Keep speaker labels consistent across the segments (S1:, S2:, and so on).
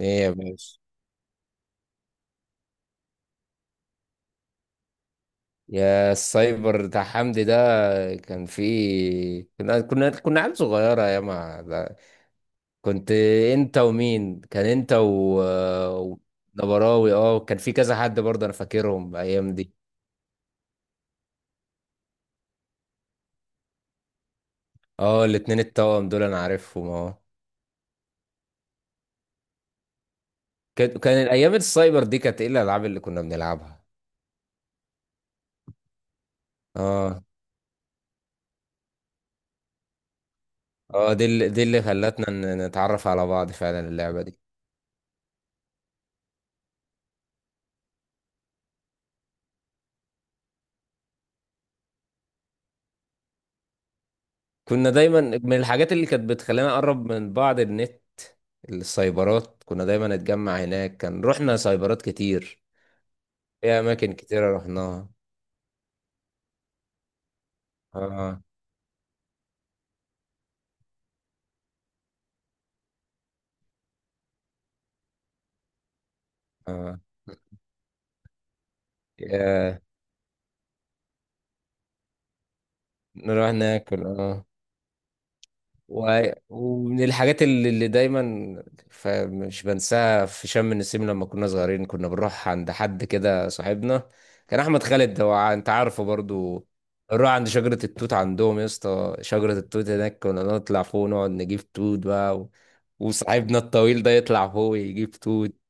S1: ايه يا باشا. يا السايبر بتاع حمدي ده. كان فيه كنا عيال صغيرة يا ما ده. كنت انت ومين كان انت. ونبراوي. اه، كان في كذا حد برضه انا فاكرهم الايام دي. اه الاتنين التوأم دول انا عارفهم اه. كان الايام السايبر دي كانت ايه الالعاب اللي كنا بنلعبها؟ اه. اه دي اللي خلتنا نتعرف على بعض فعلا اللعبة دي. كنا دايما من الحاجات اللي كانت بتخلينا نقرب من بعض النت. السايبرات كنا دايما نتجمع هناك، كان رحنا سايبرات كتير في أماكن كتيرة رحناها. اه اه يا. نروح ناكل اه. و... ومن الحاجات اللي دايما مش بنساها في شم النسيم، لما كنا صغيرين كنا بنروح عند حد كده صاحبنا. كان احمد خالد هو انت عارفه برضو. نروح عند شجرة التوت عندهم، يا اسطى شجرة التوت هناك كنا نطلع فوق ونقعد نجيب توت بقى. وصاحبنا الطويل ده يطلع فوق يجيب توت.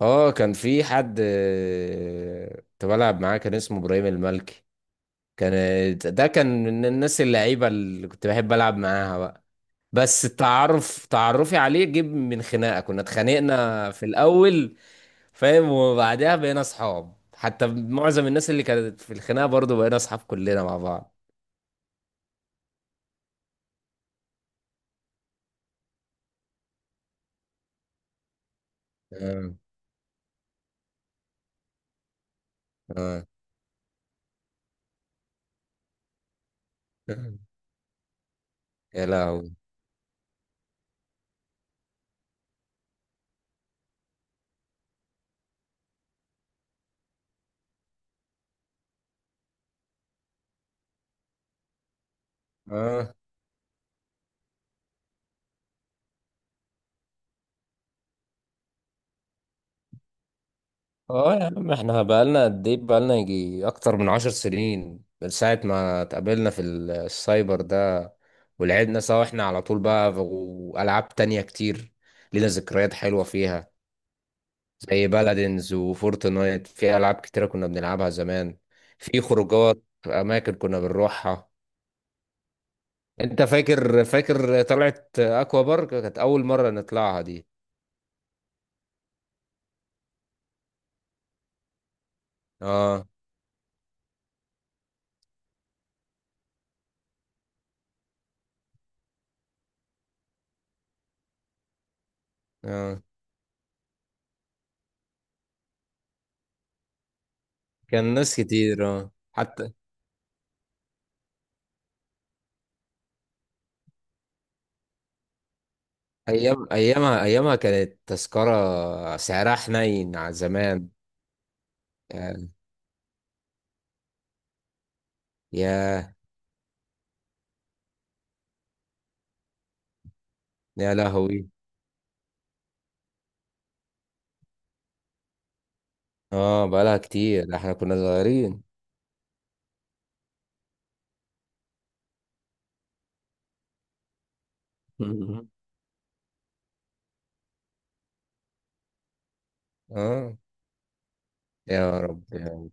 S1: اه كان في حد كنت بلعب معاه كان اسمه ابراهيم المالكي. كان ده كان من الناس اللعيبة اللي كنت بحب العب معاها بقى. بس التعرف تعرفي عليه جيب من خناقه، كنا اتخانقنا في الاول. فاهم، وبعدها بقينا اصحاب، حتى معظم الناس اللي كانت في الخناقه برضو بقينا اصحاب كلنا مع بعض. اه. اه يا لهوي. اه. اه يا عم، احنا بقالنا قد ايه؟ بقالنا يجي اكتر من 10 سنين من ساعة ما اتقابلنا في السايبر ده. ولعبنا سوا احنا على طول بقى والعاب تانية كتير لينا ذكريات حلوة فيها، زي بلدنز وفورتنايت. في ألعاب كتيرة كنا بنلعبها زمان، في خروجات أماكن كنا بنروحها. أنت فاكر طلعت أكوا بارك؟ كانت أول مرة نطلعها دي. آه آه. كان ناس كتير حتى. أيامها كانت تذكرة سعرها حنين على زمان يعني. يا يا لهوي. آه بقالها كتير ده، إحنا كنا صغيرين. اه يا رب يا رب.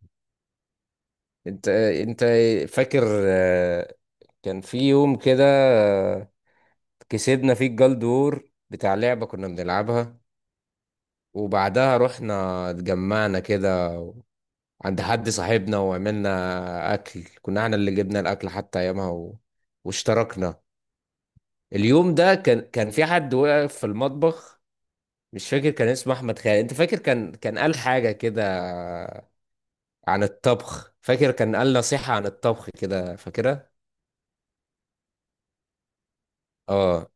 S1: انت فاكر كان في يوم كده كسبنا فيه الجلدور بتاع لعبة كنا بنلعبها. وبعدها رحنا اتجمعنا كده عند حد صاحبنا وعملنا أكل، كنا احنا اللي جبنا الأكل حتى أيامها. واشتركنا. اليوم ده كان في حد واقف في المطبخ، مش فاكر كان اسمه أحمد خالد. أنت فاكر كان قال حاجة كده عن الطبخ؟ فاكر كان قال نصيحة عن الطبخ كده؟ فاكرها؟ اه.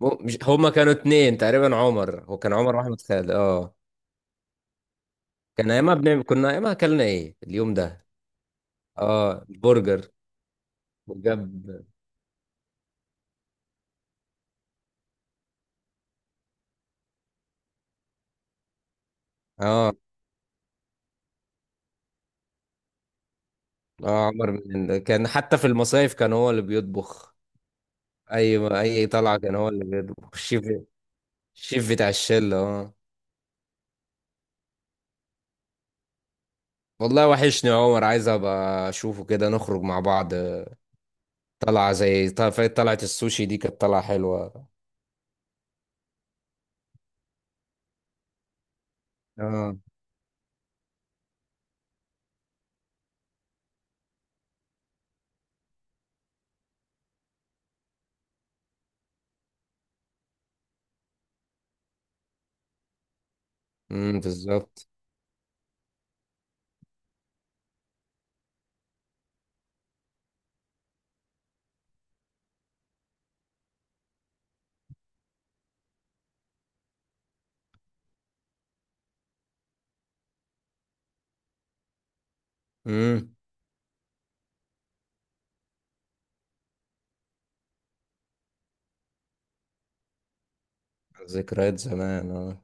S1: مش هما كانوا اتنين تقريبا، عمر هو كان عمر واحمد خالد اه. كان ايامها بنعمل، كنا ايامها اكلنا ايه اليوم ده؟ اه البرجر. وجاب. اه اه عمر من كان حتى في المصايف كان هو اللي بيطبخ. اي طلعه كان هو اللي بيطبخ الشيف، الشيف بتاع الشله اه. والله وحشني يا عمر، عايز ابقى اشوفه كده نخرج مع بعض. طلعه زي طلعه طلعة السوشي دي كانت طلعه حلوه. اه. بالظبط. امم. ذكريات زمان اه.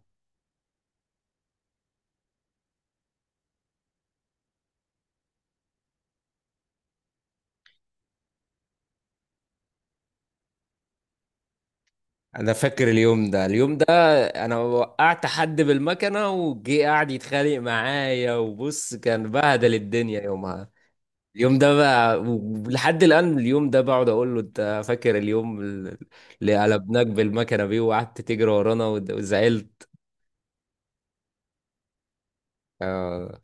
S1: انا فاكر اليوم ده، انا وقعت حد بالمكنه وجي قاعد يتخانق معايا وبص كان بهدل الدنيا يومها. اليوم ده بقى لحد الان، اليوم ده بقعد اقول له انت فاكر اليوم اللي قلبناك بالمكنه بيه وقعدت تجري ورانا وزعلت. آه.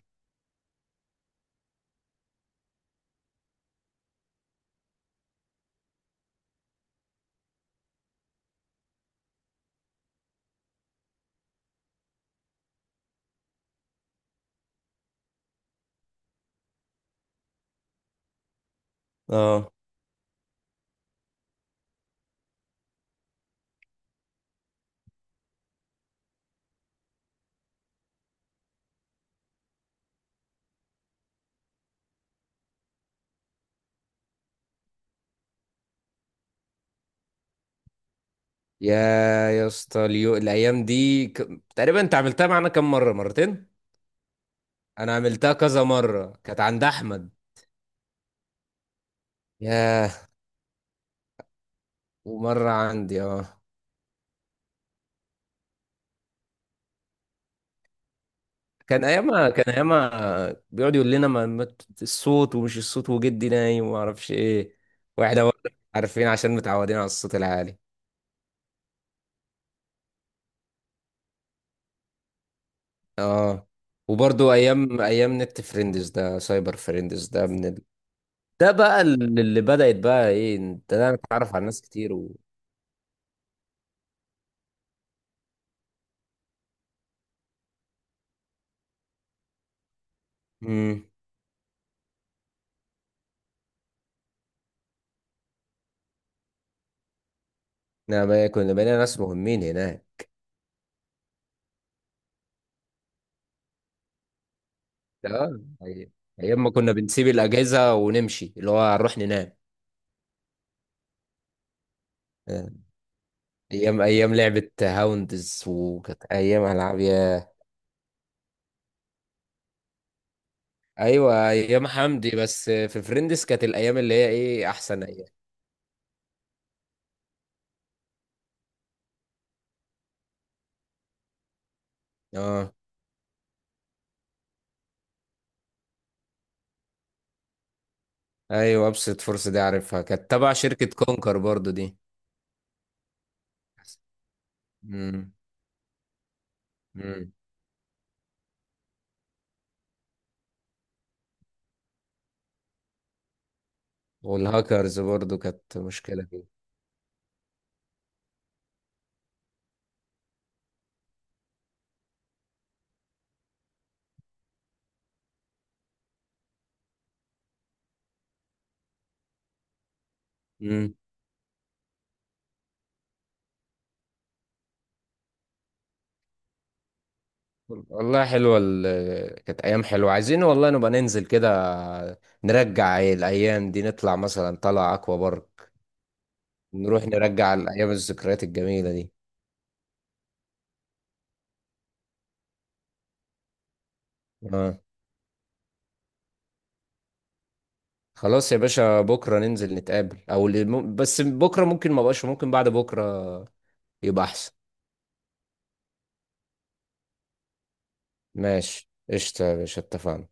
S1: اه يا يا اسطى، الايام دي تقريبا انت عملتها معانا كم مره؟ مرتين. انا عملتها كذا مره، كانت عند احمد. ياه. ومره عندي اه. كان ايامها بيقعد يقول لنا الصوت ومش الصوت وجدي نايم وما اعرفش ايه. واحنا برضه عارفين عشان متعودين على الصوت العالي. اه. وبرضه ايام نت فريندز ده، سايبر فريندز ده. ده بقى اللي بدأت بقى ايه انت ده اتعرف على ناس كتير و امم بقى كنا بقينا ناس مهمين هناك. اه ايام ما كنا بنسيب الاجهزه ونمشي اللي هو هنروح ننام. آه. ايام لعبه هاوندز، وكانت ايام العاب يا. ايوه ايام حمدي، بس في فريندز كانت الايام اللي هي ايه احسن ايام. اه ايوه ابسط فرصه دي عارفها، كانت تبع شركه كونكر برضو دي. امم، امم. والهاكرز برضو كانت مشكله دي. امم. والله حلوه كانت ايام حلوه، عايزين والله نبقى ننزل كده نرجع الايام دي، نطلع مثلا طلع اكوا بارك، نروح نرجع الايام الذكريات الجميله دي. اه خلاص يا باشا، بكرة ننزل نتقابل، او اللي بس بكرة ممكن ما بقاش، ممكن بعد بكرة يبقى احسن. ماشي قشطة يا باشا، اتفقنا.